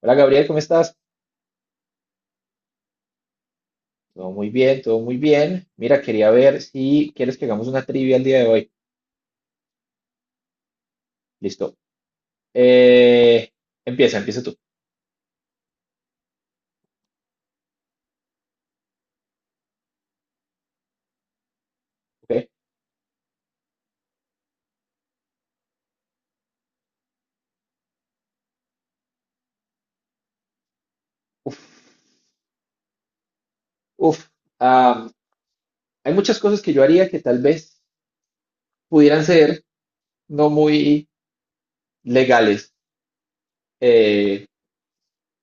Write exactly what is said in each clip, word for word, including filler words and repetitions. Hola Gabriel, ¿cómo estás? Todo muy bien, todo muy bien. Mira, quería ver si quieres que hagamos una trivia el día de hoy. Listo. Eh, empieza, empieza tú. ¿Ok? Uf, uf. Ah, hay muchas cosas que yo haría que tal vez pudieran ser no muy legales, eh,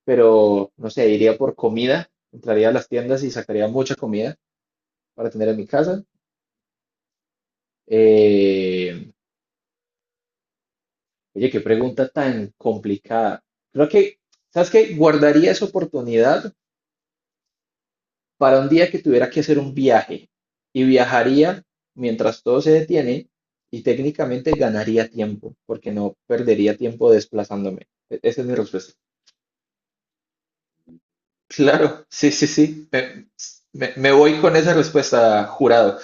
pero no sé, iría por comida, entraría a las tiendas y sacaría mucha comida para tener en mi casa. Eh, oye, qué pregunta tan complicada. Creo que, ¿sabes qué? Guardaría esa oportunidad para un día que tuviera que hacer un viaje y viajaría mientras todo se detiene y técnicamente ganaría tiempo porque no perdería tiempo desplazándome. E- Esa es mi respuesta. Claro, sí, sí, sí. Me, me- me voy con esa respuesta, jurado.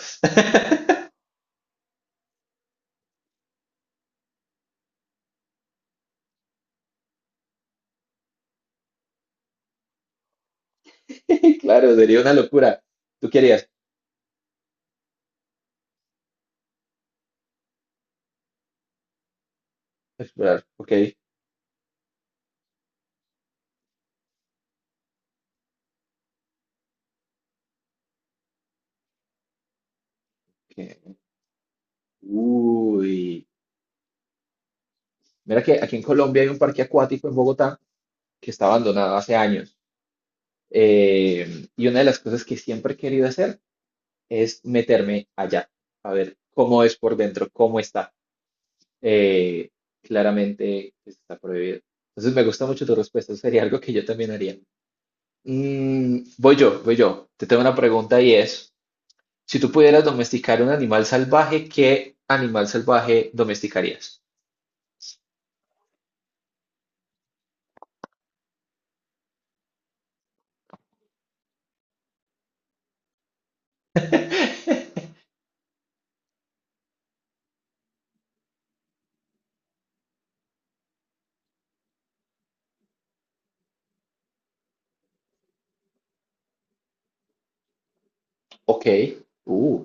Claro, sería una locura. ¿Tú querías explorar? Ok. que- Uy. Mira que aquí en Colombia hay un parque acuático en Bogotá que está abandonado hace años. Eh, y una de las cosas que siempre he querido hacer es meterme allá, a ver cómo es por dentro, cómo está. Eh, claramente pues, está prohibido. Entonces me gusta mucho tu respuesta, eso sería algo que yo también haría. Mm, voy yo, voy yo. Te tengo una pregunta y es, si tú pudieras domesticar un animal salvaje, ¿qué animal salvaje domesticarías? Ok, uh,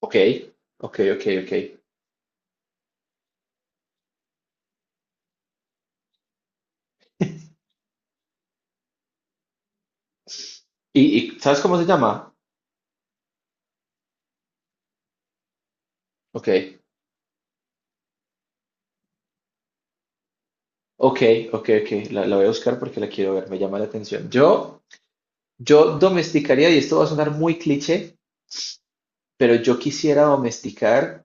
ok, ok, ok, ok. ¿Y, y sabes cómo se llama? Ok, ok, ok, ok. La, la voy a buscar porque la quiero ver, me llama la atención. Yo... Yo domesticaría, y esto va a sonar muy cliché, pero yo quisiera domesticar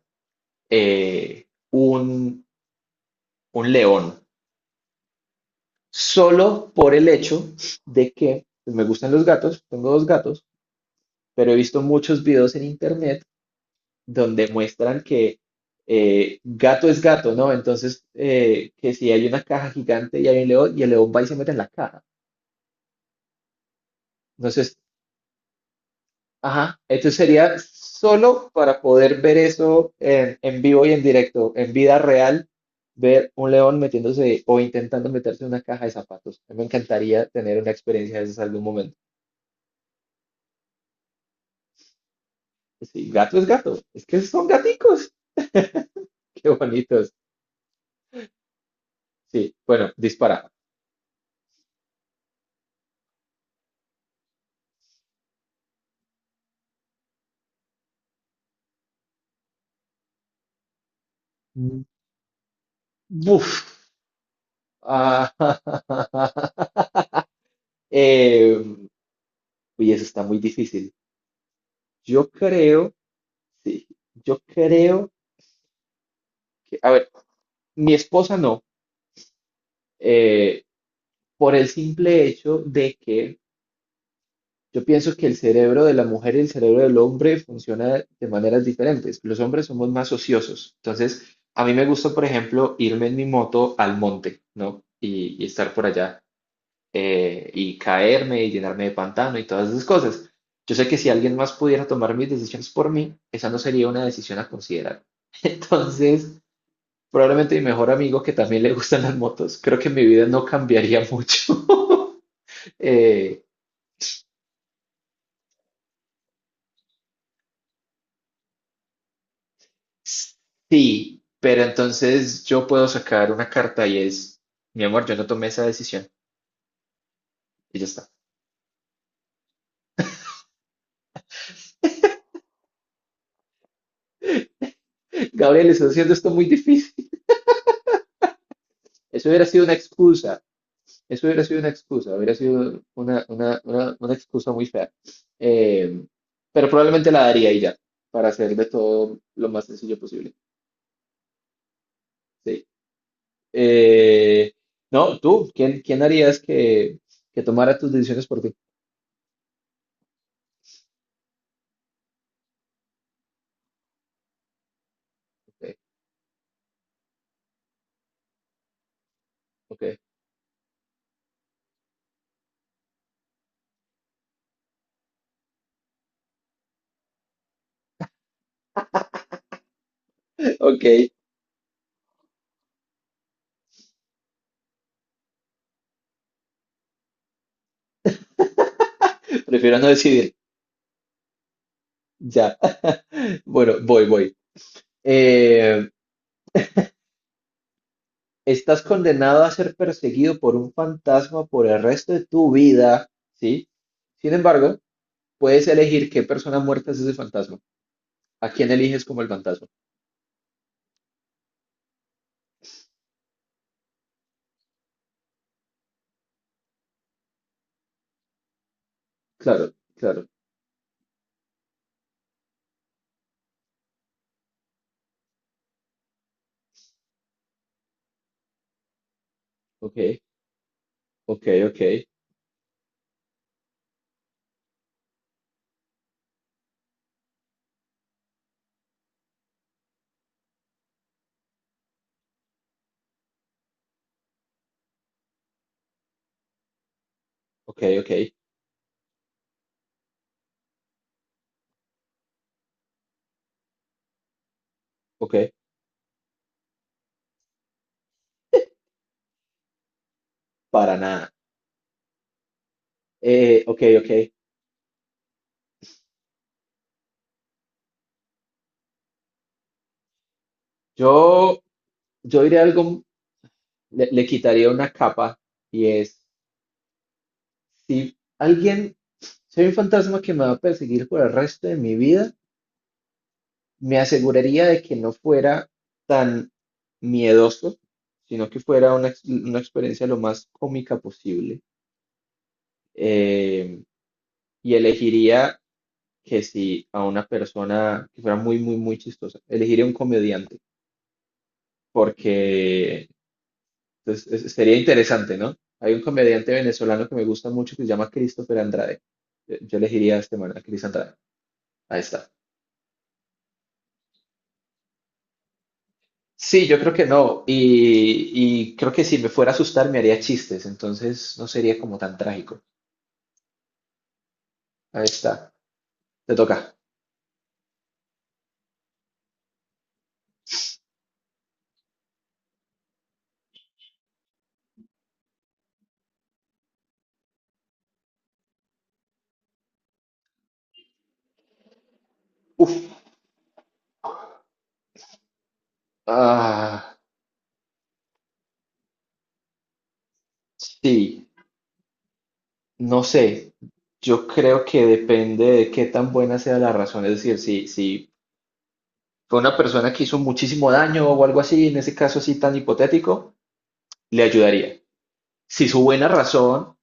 eh, un, un león, solo por el hecho de que pues, me gustan los gatos, tengo dos gatos, pero he visto muchos videos en internet donde muestran que eh, gato es gato, ¿no? Entonces, eh, que si hay una caja gigante y hay un león, y el león va y se mete en la caja. No sé. Ajá, entonces sería solo para poder ver eso en, en vivo y en directo, en vida real, ver un león metiéndose o intentando meterse en una caja de zapatos. A mí me encantaría tener una experiencia de esas algún momento. Pues sí, gato es gato, es que son gaticos, qué bonitos. Sí, bueno, dispara. Mm, buf. Ah, eh, uy, eso está muy difícil. Yo creo, sí, yo creo que, a ver, mi esposa no. Eh, por el simple hecho de que yo pienso que el cerebro de la mujer y el cerebro del hombre funciona de maneras diferentes. Los hombres somos más ociosos. Entonces, a mí me gusta, por ejemplo, irme en mi moto al monte, ¿no? Y, y estar por allá eh, y caerme y llenarme de pantano y todas esas cosas. Yo sé que si alguien más pudiera tomar mis decisiones por mí, esa no sería una decisión a considerar. Entonces, probablemente mi mejor amigo que también le gustan las motos, creo que mi vida no cambiaría mucho. Eh, sí, pero entonces yo puedo sacar una carta y es, mi amor, yo no tomé esa decisión. Y ya está. Gabriel, estás haciendo esto muy difícil. Eso hubiera sido una excusa. Eso hubiera sido una excusa. Hubiera sido una, una, una, una excusa muy fea. Eh, pero probablemente la daría y ya, para hacer de todo lo más sencillo posible. Sí. Eh, no, tú, ¿quién, quién harías que, que tomara tus decisiones por ti? Ok, ok, ok. Prefiero no decidir. Ya. Bueno, voy, voy. Eh, estás condenado a ser perseguido por un fantasma por el resto de tu vida, ¿sí? Sin embargo, puedes elegir qué persona muerta es ese fantasma. ¿A quién eliges como el fantasma? Claro, claro. Ok, ok, ok, ok, ok, ok. Para nada. Eh, ok, ok. Yo, yo diré algo, le, le quitaría una capa y es, si alguien, soy un fantasma que me va a perseguir por el resto de mi vida. Me aseguraría de que no fuera tan miedoso, sino que fuera una, ex- una experiencia lo más cómica posible. Eh, y elegiría que si a una persona que fuera muy, muy, muy chistosa, elegiría un comediante, porque pues, es- sería interesante, ¿no? Hay un comediante venezolano que me gusta mucho que se llama Christopher Andrade. Eh, Yo elegiría a este man, a Chris Andrade. Ahí está. Sí, yo creo que no. Y, y creo que si me fuera a asustar me haría chistes, entonces no sería como tan trágico. Ahí está. Te toca. Uf. Ah, sí. No sé. Yo creo que depende de qué tan buena sea la razón. Es decir, si, si fue una persona que hizo muchísimo daño o algo así, en ese caso así tan hipotético, le ayudaría. Si su buena razón,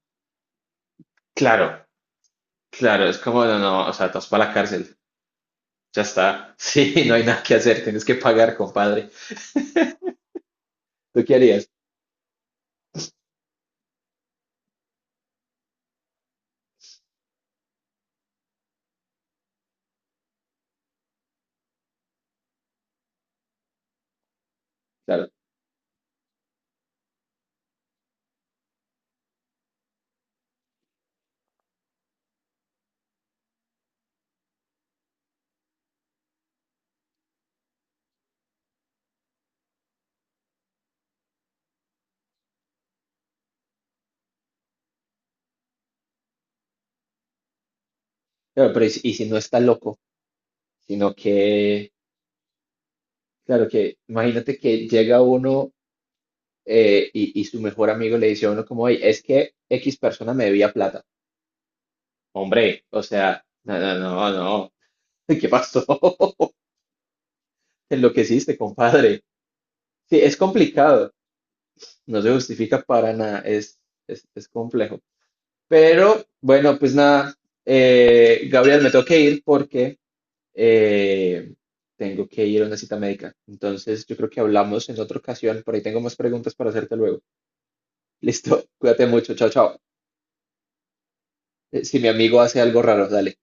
claro, claro, es como, no, no, o sea, te vas para la cárcel. Ya está. Sí, no hay nada que hacer. Tienes que pagar, compadre. ¿Tú qué harías? Claro, claro, pero y, si y si no está loco, sino que, claro, que imagínate que llega uno eh, y, y su mejor amigo le dice a uno como, "Ey, es que X persona me debía plata". Hombre, o sea, no, no, no, no. ¿Qué pasó? Te enloqueciste, compadre. Sí, es complicado. No se justifica para nada. Es, es, es complejo. Pero bueno, pues nada. eh, Gabriel, me tengo que ir porque eh, tengo que ir a una cita médica. Entonces, yo creo que hablamos en otra ocasión. Por ahí tengo más preguntas para hacerte luego. Listo, cuídate mucho. Chao, chao. Eh, Si mi amigo hace algo raro, dale.